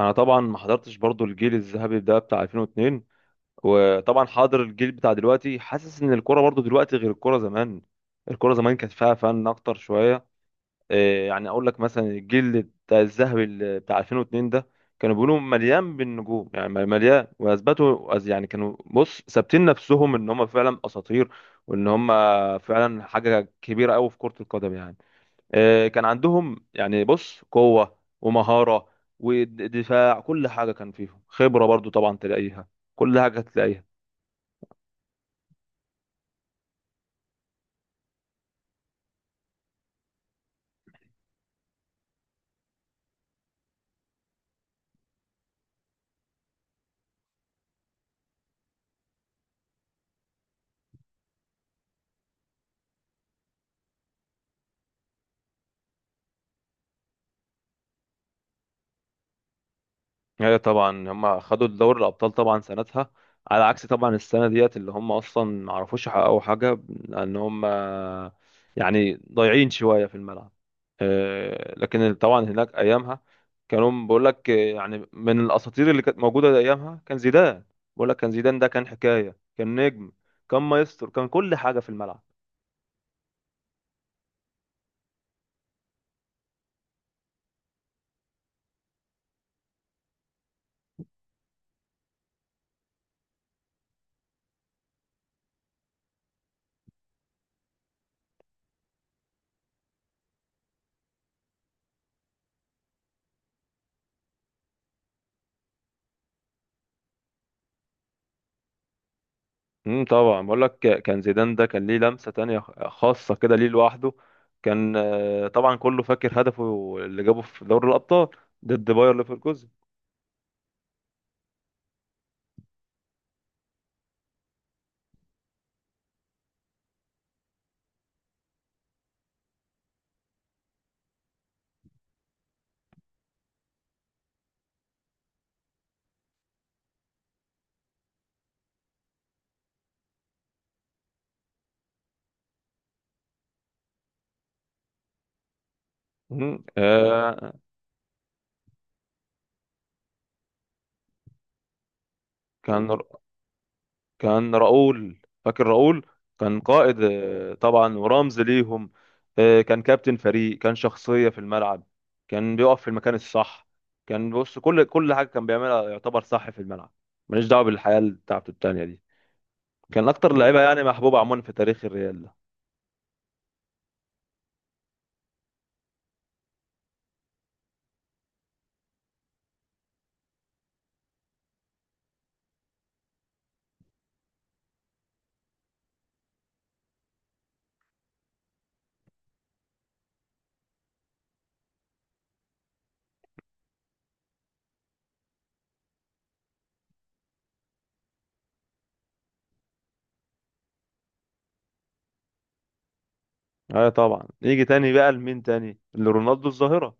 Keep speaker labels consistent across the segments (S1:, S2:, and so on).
S1: انا طبعا ما حضرتش برضو الجيل الذهبي ده بتاع 2002. وطبعا حاضر الجيل بتاع دلوقتي، حاسس ان الكرة برضو دلوقتي غير الكرة زمان. الكرة زمان كانت فيها فن اكتر شوية. إيه يعني، اقول لك مثلا الجيل بتاع الذهبي اللي بتاع 2002 ده كانوا بيقولوا مليان بالنجوم، يعني مليان، يعني كانوا ثابتين نفسهم ان هم فعلا اساطير، وان هم فعلا حاجة كبيرة قوي في كرة القدم يعني. كان عندهم يعني قوة ومهارة ودفاع، كل حاجة كان فيهم خبرة برضو طبعا تلاقيها، كل حاجة تلاقيها. ايوه طبعا هم خدوا دوري الابطال طبعا سنتها، على عكس طبعا السنه ديت اللي هم اصلا ما عرفوش يحققوا حاجه، لان هم يعني ضايعين شويه في الملعب. لكن طبعا هناك ايامها كانوا بقول لك، يعني من الاساطير اللي كانت موجوده ايامها كان زيدان. بقول لك كان زيدان ده كان حكايه، كان نجم، كان مايسترو، كان كل حاجه في الملعب. طبعا بقول لك كان زيدان ده كان ليه لمسة تانية خاصة كده ليه لوحده. كان، طبعا كله فاكر هدفه اللي جابه في دوري الأبطال ضد باير ليفركوزن. امم آه، كان كان راؤول، فاكر راؤول. كان قائد، طبعا ورمز ليهم. كان كابتن فريق، كان شخصية في الملعب، كان بيقف في المكان الصح. كان كل حاجة كان بيعملها يعتبر صح في الملعب. ماليش دعوة بالحياة بتاعته التانية دي. كان أكتر لعيبة يعني محبوبة عموما في تاريخ الريال. اه طبعا يجي تاني بقى، لمين تاني؟ لرونالدو الظاهرة،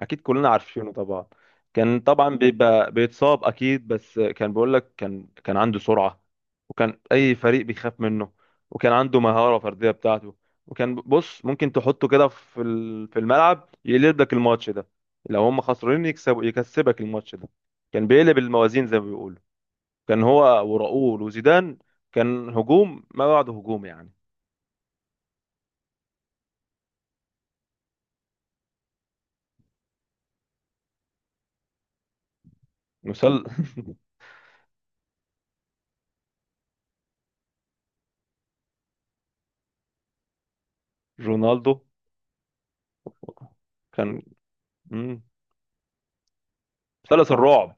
S1: اكيد كلنا عارفينه طبعا. كان طبعا بيبقى بيتصاب اكيد، بس كان بيقول لك كان عنده سرعة، وكان اي فريق بيخاف منه، وكان عنده مهارة فردية بتاعته. وكان ممكن تحطه كده في الملعب يقلب لك الماتش ده، لو هم خسرانين يكسبوا، يكسبك الماتش ده. كان بيقلب الموازين زي ما بيقولوا. كان هو وراؤول وزيدان، كان هجوم ما بعده هجوم يعني. مثال، رونالدو. كان مم. مثلث الرعب.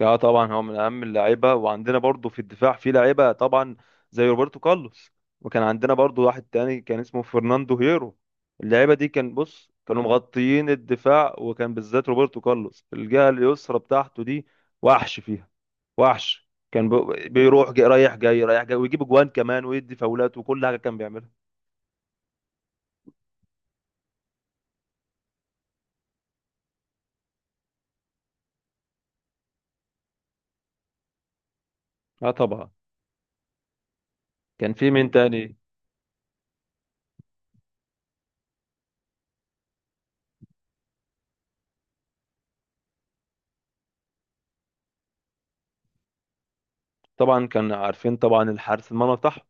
S1: اه طبعا هو من اهم اللعيبه، وعندنا برضو في الدفاع في لعيبه طبعا زي روبرتو كارلوس. وكان عندنا برضو واحد تاني كان اسمه فرناندو هيرو. اللعيبه دي كان كانوا مغطيين الدفاع، وكان بالذات روبرتو كارلوس الجهه اليسرى بتاعته دي وحش فيها، وحش. كان بيروح جاي، رايح جاي رايح جاي، ويجيب جوان كمان، ويدي فاولات، وكل حاجه كان بيعملها. اه طبعا، كان في مين تاني؟ طبعا كان، عارفين طبعا الحارس المرمى بتاعهم،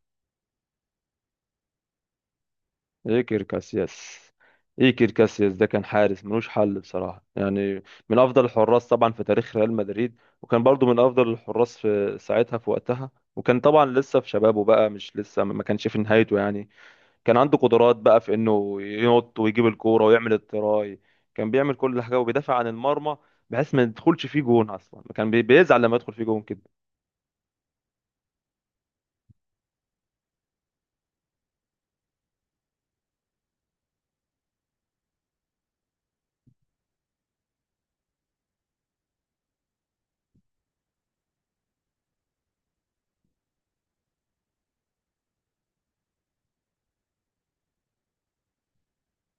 S1: ايكر كاسياس. ايكر كاسياس ده كان حارس ملوش حل بصراحة يعني، من افضل الحراس طبعا في تاريخ ريال مدريد. وكان برضو من افضل الحراس في ساعتها في وقتها. وكان طبعا لسه في شبابه بقى، مش لسه، ما كانش في نهايته يعني. كان عنده قدرات بقى في انه ينط ويجيب الكورة ويعمل التراي. كان بيعمل كل حاجة وبيدافع عن المرمى بحيث ما يدخلش فيه جون اصلا. كان بيزعل لما يدخل فيه جون كده.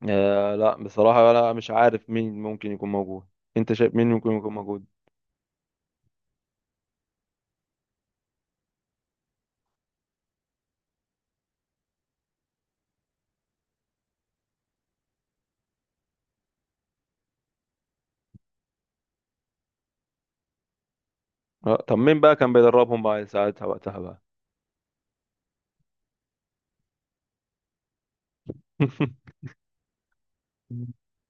S1: آه لا بصراحة لا، مش عارف مين ممكن يكون موجود. انت شايف مين ممكن يكون موجود؟ طب مين بقى كان بيدربهم بقى ساعتها وقتها بقى؟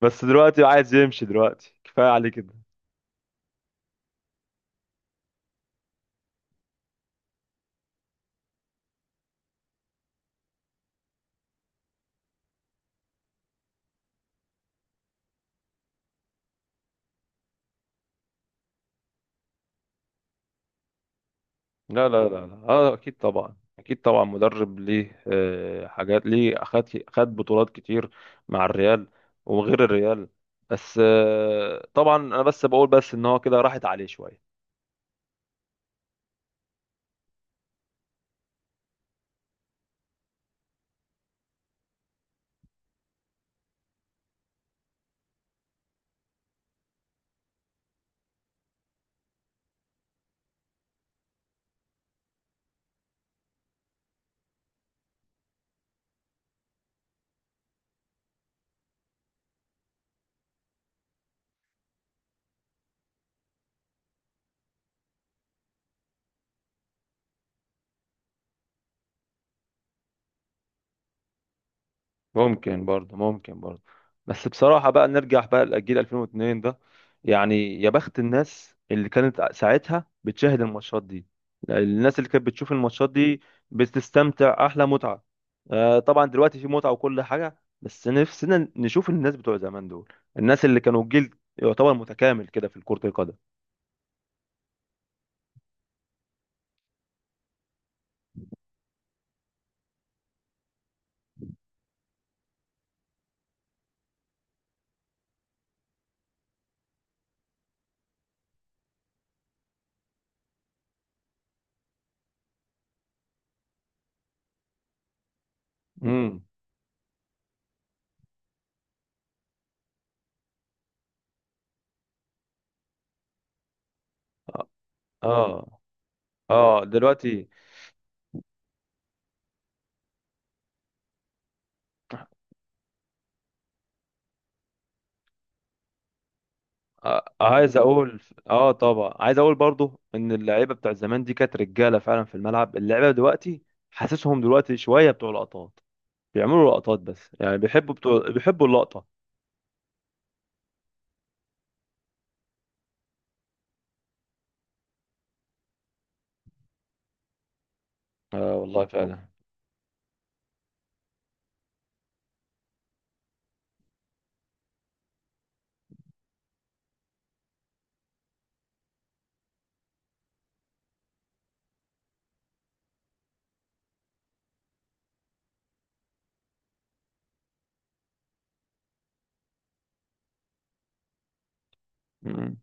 S1: بس دلوقتي عايز يمشي، دلوقتي كفاية عليه كده. لا لا لا لا، اه اكيد طبعا، اكيد طبعا مدرب ليه حاجات، ليه خد بطولات كتير مع الريال وغير الريال. بس، طبعا انا بس بقول بس ان هو كده راحت عليه شوية. ممكن برضه، ممكن برضه. بس بصراحة بقى نرجع بقى لجيل 2002 ده. يعني يا بخت الناس اللي كانت ساعتها بتشاهد الماتشات دي، الناس اللي كانت بتشوف الماتشات دي بتستمتع أحلى متعة. طبعا دلوقتي في متعة وكل حاجة، بس نفسنا نشوف الناس بتوع زمان دول، الناس اللي كانوا جيل يعتبر متكامل كده في كرة القدم. امم اه. اه، آه، دلوقتي آه، عايز اقول، اه طبعا عايز اقول برضو ان اللعيبه بتاع زمان دي كانت رجاله فعلا في الملعب. اللعيبه دلوقتي حاسسهم دلوقتي شويه بتوع لقطات، بيعملوا لقطات بس، يعني بيحبوا بتوع، بيحبوا اللقطه. اه والله فعلا. مم.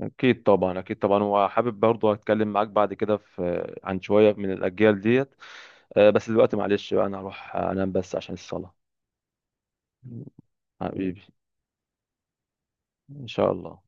S1: اكيد طبعا، اكيد طبعا، وحابب برضو اتكلم معاك بعد كده في عن شويه من الاجيال ديت. بس دلوقتي معلش بقى، انا هروح انام بس عشان الصلاه. مم. حبيبي، ان شاء الله.